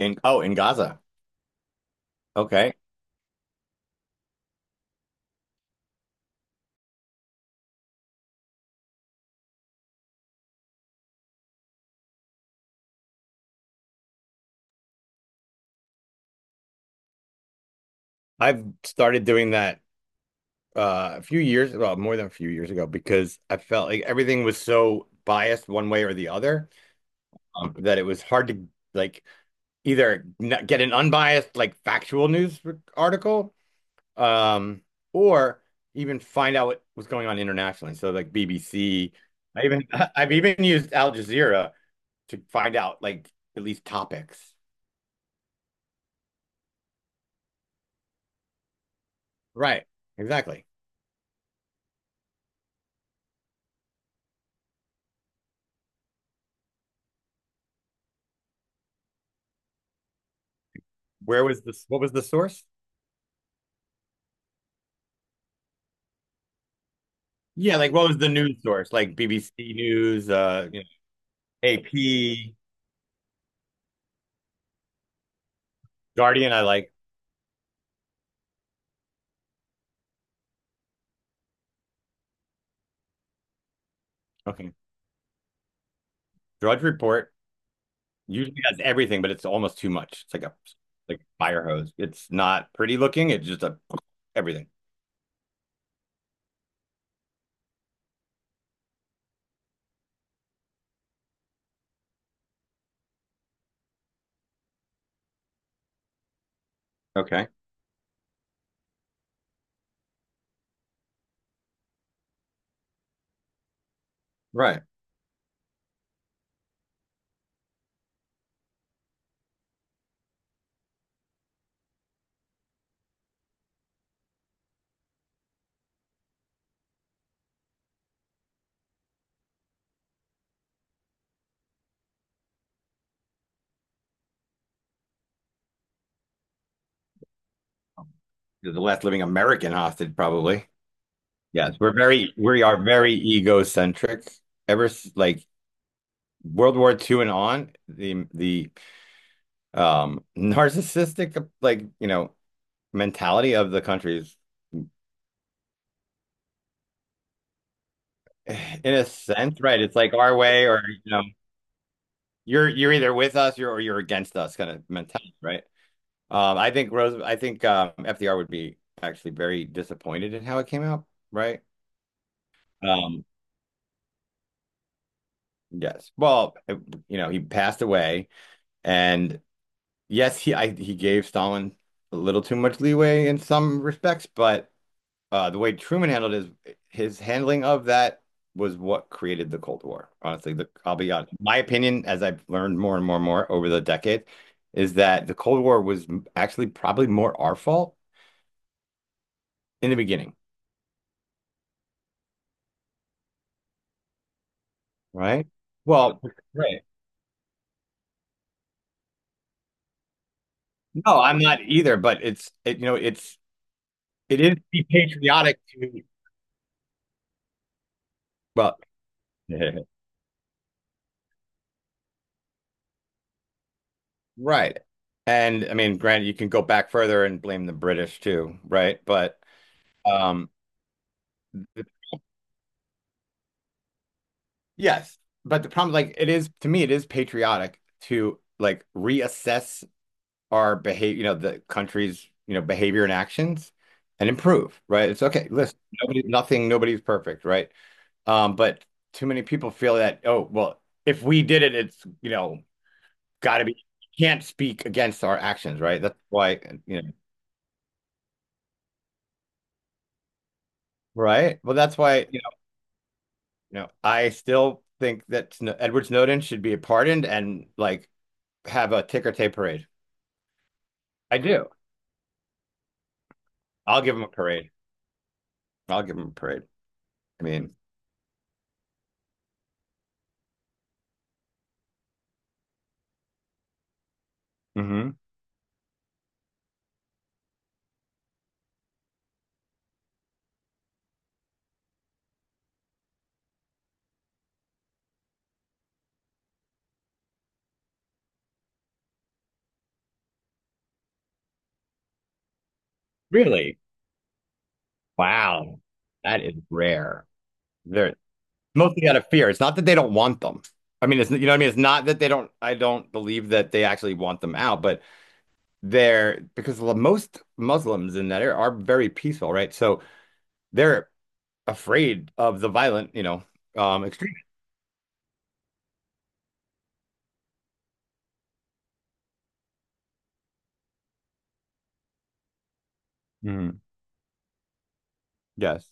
In in Gaza. Okay. I've started doing that a few years, well, more than a few years ago, because I felt like everything was so biased one way or the other that it was hard to like either n get an unbiased, like factual news article, um, or even find out what was going on internationally. So like BBC, I even I've even used Al Jazeera to find out like at least topics. Right. Exactly. Where was this? What was the source? Yeah, like what was the news source? Like BBC News, you know, AP, Guardian. I like. Okay, Drudge Report usually has everything, but it's almost too much. It's like a like fire hose. It's not pretty looking. It's just a everything. Okay, right. You're the last living American hostage, probably. Yes, we are very egocentric. Like World War Two and on, the narcissistic, like, you know, mentality of the countries, in a sense, right? It's like our way, or, you know, you're either with us, you're against us, kind of mentality, right? I think I think FDR would be actually very disappointed in how it came out, right? Um, yes. You know, he passed away, and yes, he gave Stalin a little too much leeway in some respects, but the way Truman handled his handling of that was what created the Cold War. Honestly, the I'll be honest. My opinion, as I've learned more and more and more over the decade, is that the Cold War was actually probably more our fault in the beginning, right? Well, right. No, I'm not either, but you know, it's it is be patriotic to well, right. And I mean, granted, you can go back further and blame the British too, right? But um yes, but the problem, like, it is to me, it is patriotic to like reassess our behavior, you know, the country's, you know, behavior and actions and improve, right? It's okay. Listen, nobody, nothing, nobody's perfect, right? But too many people feel that, oh, well, if we did it, it's, you know, gotta be, can't speak against our actions, right? That's why, you know, right? Well, that's why, you know, I still think that Edward Snowden should be pardoned and like have a ticker tape parade. I do. I'll give him a parade. I'll give him a parade. I mean, mm-hmm. Really? Wow, that is rare. They're mostly out of fear. It's not that they don't want them. I mean, it's you know what I mean. It's not that they don't. I don't believe that they actually want them out, but they're because most Muslims in that area are very peaceful, right? So they're afraid of the violent, you know, extreme. Mm-hmm. Yes,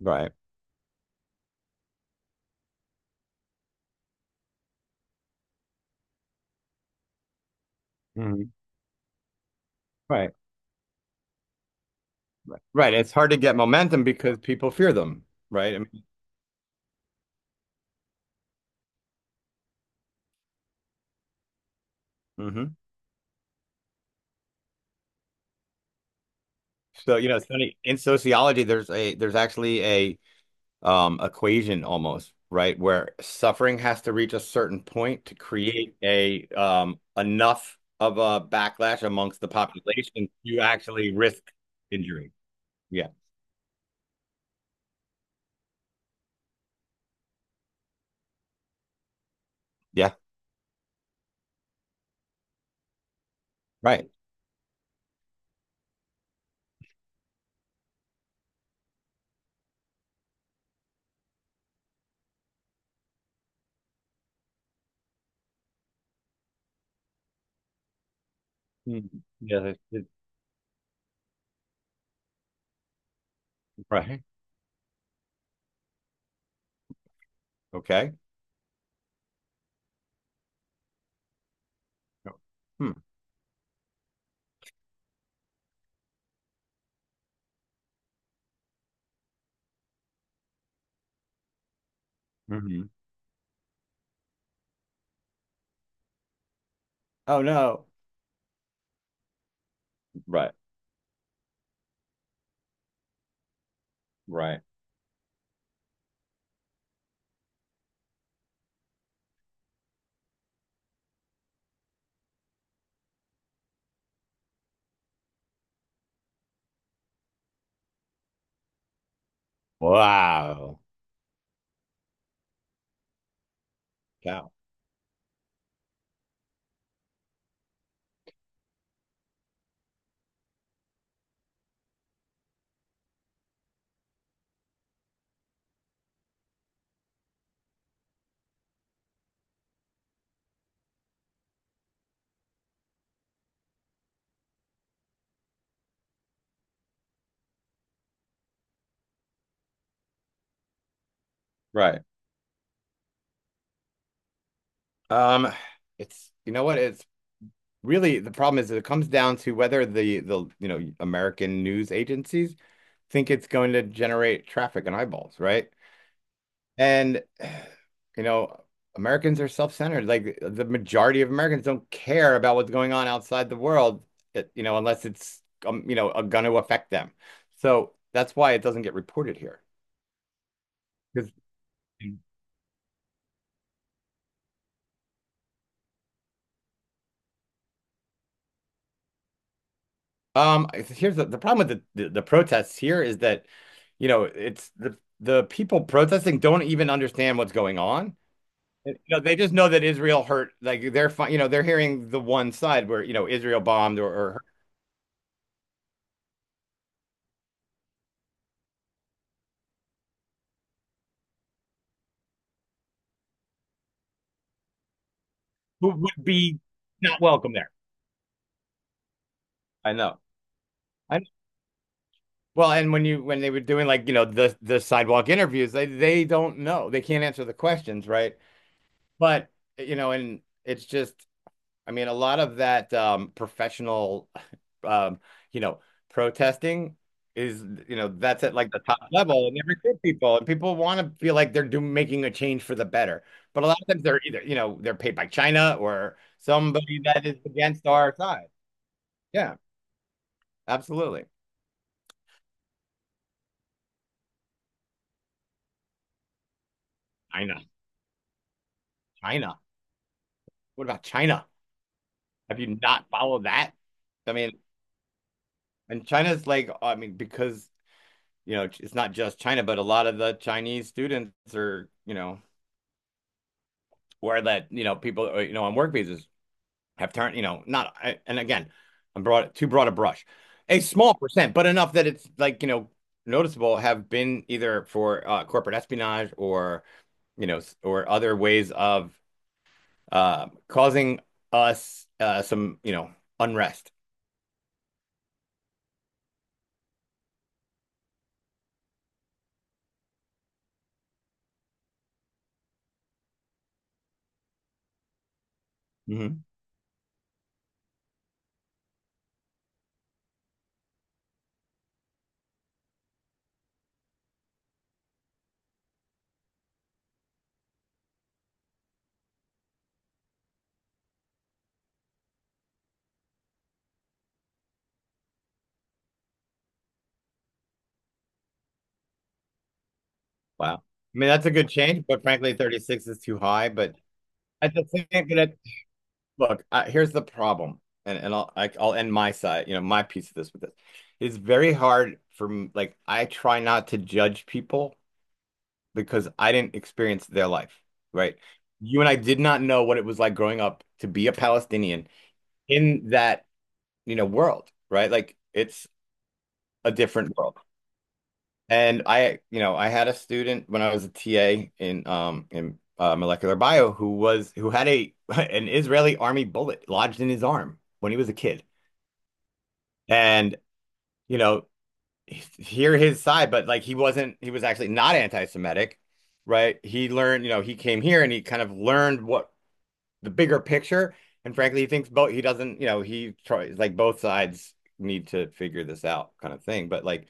right. Mm-hmm. Right. Right. Right. It's hard to get momentum because people fear them, right? I mean, mm-hmm. So, you know, it's funny. In sociology, there's actually a equation almost, right? Where suffering has to reach a certain point to create a enough of a backlash amongst the population to actually risk injury. Yeah. Yeah. Right. Mm. Yeah. That's right. Okay. Hmm. Hmm. Oh no. Right. Right. Wow. Cow. Right. Um, it's you know what? It's Really the problem is that it comes down to whether the you know American news agencies think it's going to generate traffic and eyeballs, right? And you know, Americans are self-centered. Like the majority of Americans don't care about what's going on outside the world, you know, unless it's you know, going to affect them. So that's why it doesn't get reported here. 'Cause, here's the problem with the protests here is that, you know, it's the people protesting don't even understand what's going on. You know, they just know that Israel hurt. Like they're fine. You know, they're hearing the one side where you know Israel bombed or hurt, who would be not welcome there. I know. I know. Well, and when you when they were doing like you know the sidewalk interviews, they don't know. They can't answer the questions, right? But you know, and it's just I mean, a lot of that professional, um, you know, protesting is, you know, that's at like the top level, and they're good people, and people want to feel like they're doing making a change for the better. But a lot of times they're either, you know, they're paid by China or somebody that is against our side. Yeah, absolutely. China, China. What about China? Have you not followed that? I mean, and China's like, I mean, because you know, it's not just China, but a lot of the Chinese students are, you know. Where that you know people you know on work visas have turned you know not and again I'm broad too broad a brush a small percent but enough that it's like you know noticeable have been either for corporate espionage or you know or other ways of causing us some you know unrest. Hmm. Wow. I mean that's a good change, but frankly 36 is too high. But at the same, but at look, I, here's the problem, and I'll end my side, you know, my piece of this with this. It's very hard for like I try not to judge people because I didn't experience their life, right? You and I did not know what it was like growing up to be a Palestinian in that, you know, world, right? Like it's a different world. And I, you know, I had a student when I was a TA in molecular bio who was who had a an Israeli army bullet lodged in his arm when he was a kid. And you know hear his side but like he wasn't he was actually not anti-Semitic right he learned you know he came here and he kind of learned what the bigger picture and frankly he thinks both he doesn't you know he tries like both sides need to figure this out kind of thing but like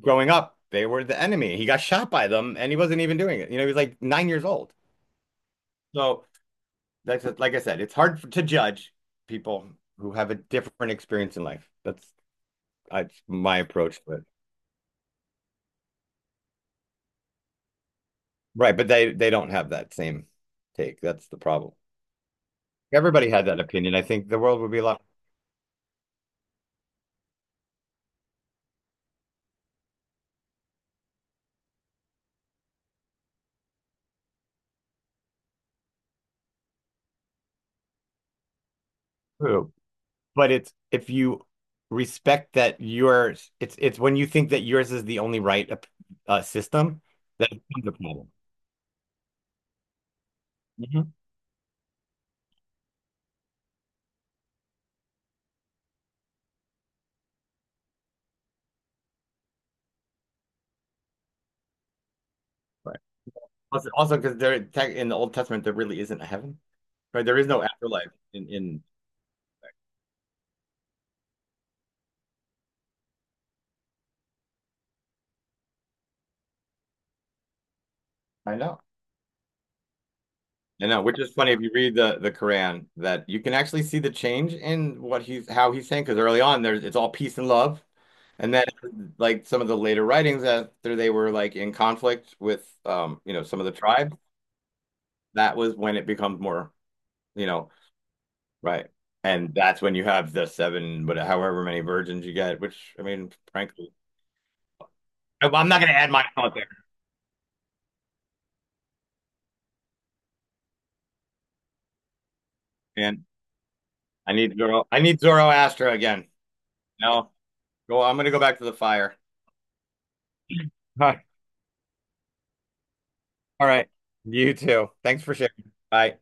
growing up they were the enemy he got shot by them and he wasn't even doing it you know he was like 9 years old so that's like I said it's hard to judge people who have a different experience in life that's my approach to it. Right, but they don't have that same take. That's the problem. Everybody had that opinion. I think the world would be a lot true. But it's if you respect that yours, it's when you think that yours is the only right system that it becomes a problem. Hmm. Right. Also, also because there tech in the Old Testament there really isn't a heaven. Right. There is no afterlife in in. I know. I know, which is funny if you read the Quran that you can actually see the change in what he's how he's saying because early on there's it's all peace and love, and then like some of the later writings after they were like in conflict with you know some of the tribes that was when it becomes more you know right and that's when you have the seven but however many virgins you get which I mean frankly I'm not gonna add my thought there. Man, I need Zoro I need Zoroaster again. No, go I'm gonna go back to the fire. All right. All right. You too. Thanks for sharing. Bye.